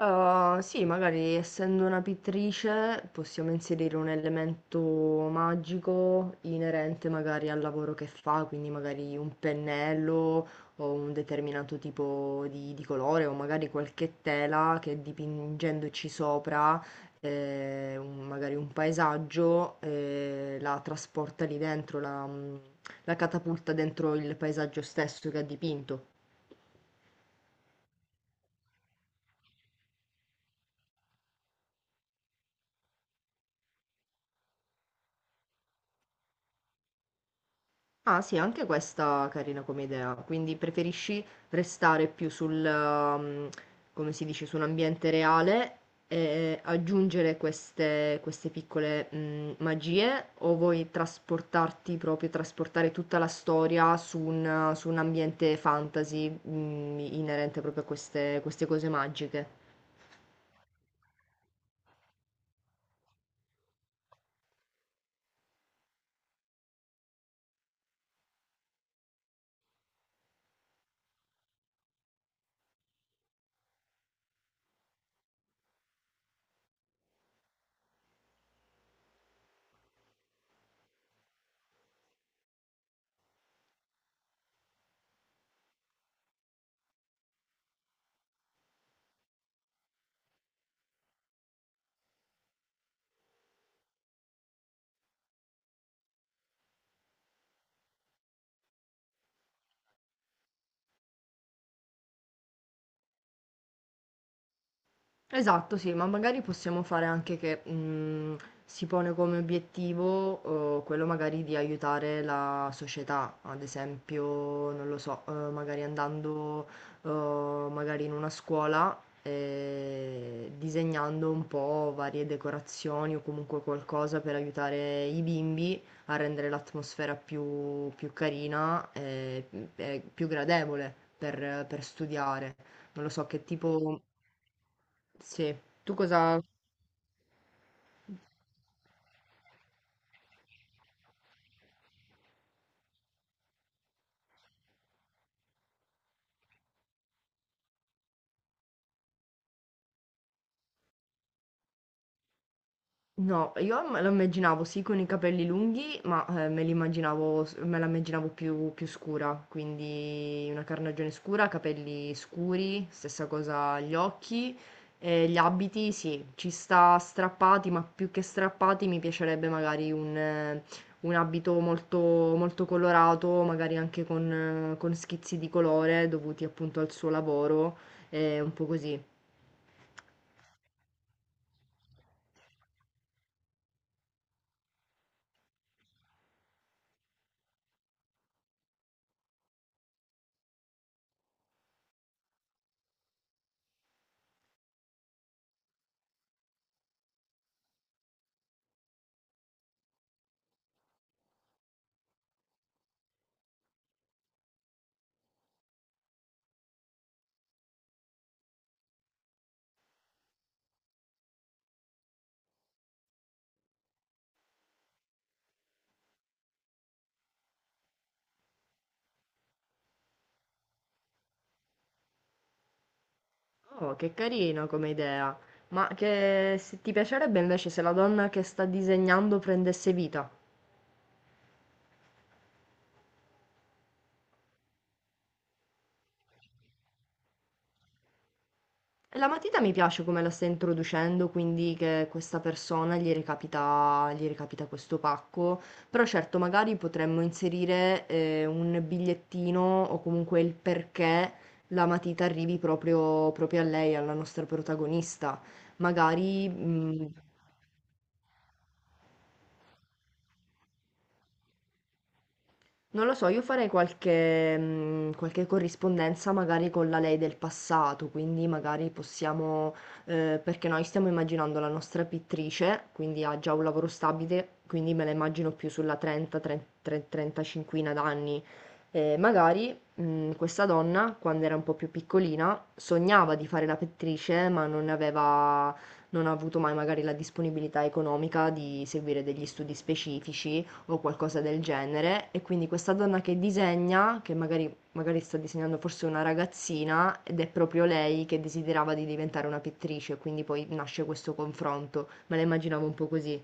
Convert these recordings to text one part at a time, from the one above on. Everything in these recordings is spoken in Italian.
Sì, magari essendo una pittrice possiamo inserire un elemento magico inerente magari al lavoro che fa, quindi magari un pennello o un determinato tipo di colore o magari qualche tela che dipingendoci sopra magari un paesaggio la trasporta lì dentro, la catapulta dentro il paesaggio stesso che ha dipinto. Ah sì, anche questa carina come idea, quindi preferisci restare più sul come si dice, su un ambiente reale e aggiungere queste piccole magie, o vuoi trasportarti proprio, trasportare tutta la storia su su un ambiente fantasy inerente proprio a queste cose magiche? Esatto, sì, ma magari possiamo fare anche che si pone come obiettivo quello magari di aiutare la società, ad esempio, non lo so, magari andando magari in una scuola e disegnando un po' varie decorazioni o comunque qualcosa per aiutare i bimbi a rendere l'atmosfera più, più carina e più gradevole per studiare. Non lo so che tipo... Sì, tu cosa... No, io me lo immaginavo sì con i capelli lunghi, ma me la immaginavo più, più scura, quindi una carnagione scura, capelli scuri, stessa cosa gli occhi, e gli abiti sì, ci sta strappati, ma più che strappati mi piacerebbe magari un abito molto, molto colorato, magari anche con schizzi di colore dovuti appunto al suo lavoro, un po' così. Oh, che carino come idea. Ma che se ti piacerebbe invece se la donna che sta disegnando prendesse vita? E la matita mi piace come la sta introducendo, quindi che questa persona gli recapita questo pacco. Però certo, magari potremmo inserire un bigliettino o comunque il perché la matita arrivi proprio, proprio a lei, alla nostra protagonista. Magari, mm, Non lo so, io farei qualche corrispondenza magari con la lei del passato, quindi magari perché noi stiamo immaginando la nostra pittrice, quindi ha già un lavoro stabile, quindi me la immagino più sulla 30, 35 d'anni. Questa donna, quando era un po' più piccolina, sognava di fare la pittrice, ma non ha avuto mai magari la disponibilità economica di seguire degli studi specifici o qualcosa del genere. E quindi questa donna che disegna, magari sta disegnando forse una ragazzina, ed è proprio lei che desiderava di diventare una pittrice, quindi poi nasce questo confronto. Me la immaginavo un po' così.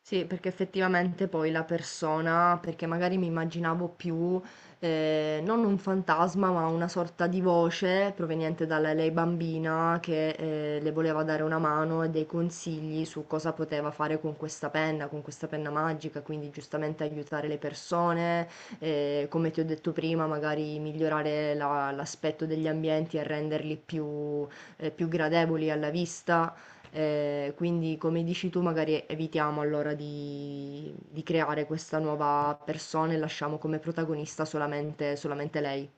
Sì, perché effettivamente poi la persona, perché magari mi immaginavo più non un fantasma, ma una sorta di voce proveniente dalla lei bambina che le voleva dare una mano e dei consigli su cosa poteva fare con questa penna magica, quindi giustamente aiutare le persone, come ti ho detto prima, magari migliorare l'aspetto degli ambienti e renderli più più gradevoli alla vista. Quindi come dici tu magari evitiamo allora di creare questa nuova persona e lasciamo come protagonista solamente lei.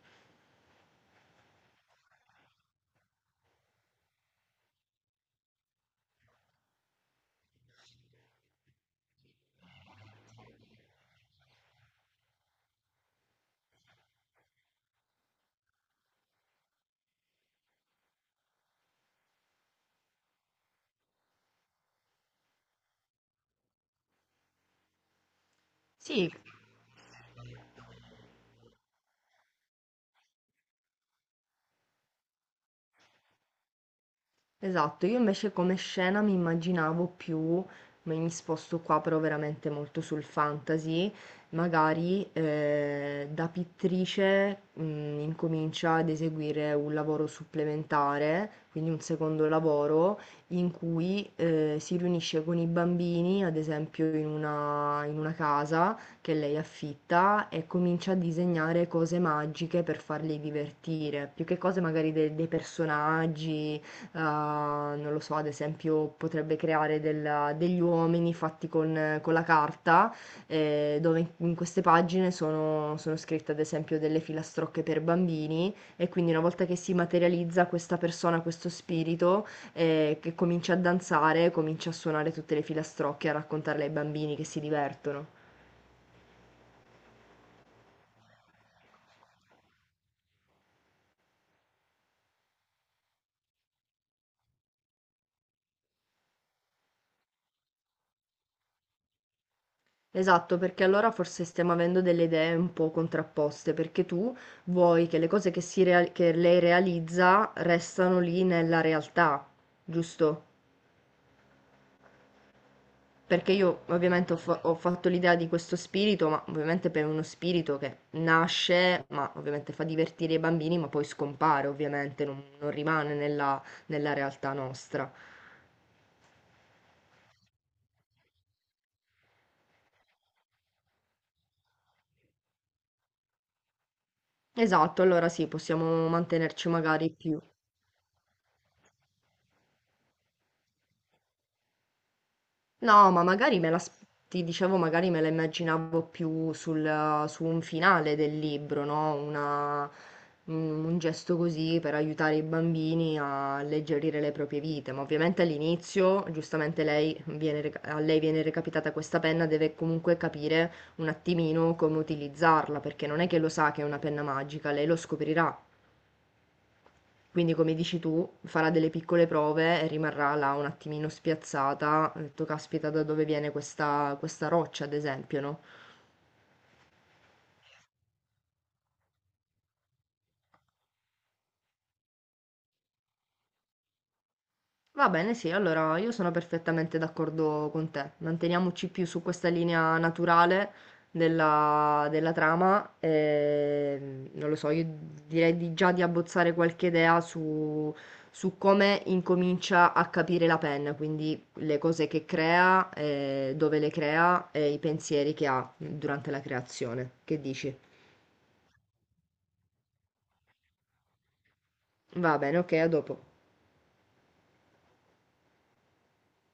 Sì, esatto, io invece come scena mi immaginavo più, ma mi sposto qua però veramente molto sul fantasy, magari da pittrice incomincia ad eseguire un lavoro supplementare, quindi un secondo lavoro in cui si riunisce con i bambini, ad esempio in in una casa che lei affitta e comincia a disegnare cose magiche per farli divertire, più che cose magari dei personaggi. Non lo so, ad esempio potrebbe creare del degli uomini fatti con la carta, dove in queste pagine sono scritte ad esempio delle filastrocche per bambini e quindi una volta che si materializza questa persona, questo spirito, che comincia a danzare, comincia a suonare tutte le filastrocche, a raccontarle ai bambini che si divertono. Esatto, perché allora forse stiamo avendo delle idee un po' contrapposte, perché tu vuoi che le cose che lei realizza restano lì nella realtà, giusto? Perché io ovviamente ho fatto l'idea di questo spirito, ma ovviamente per uno spirito che nasce, ma ovviamente fa divertire i bambini, ma poi scompare, ovviamente, non rimane nella realtà nostra. Esatto, allora sì, possiamo mantenerci magari più. No, ma magari me la, s- Ti dicevo, magari me la immaginavo più sul, su un finale del libro, no? Un gesto così per aiutare i bambini a alleggerire le proprie vite. Ma ovviamente all'inizio, giustamente a lei viene recapitata questa penna, deve comunque capire un attimino come utilizzarla, perché non è che lo sa che è una penna magica, lei lo scoprirà. Quindi come dici tu, farà delle piccole prove e rimarrà là un attimino spiazzata. Ha detto, caspita, da dove viene questa, questa roccia, ad esempio, no? Va bene, sì, allora io sono perfettamente d'accordo con te. Manteniamoci più su questa linea naturale della trama. E, non lo so, io già di abbozzare qualche idea su come incomincia a capire la penna, quindi le cose che crea, dove le crea e i pensieri che ha durante la creazione. Che dici? Va bene, ok, a dopo.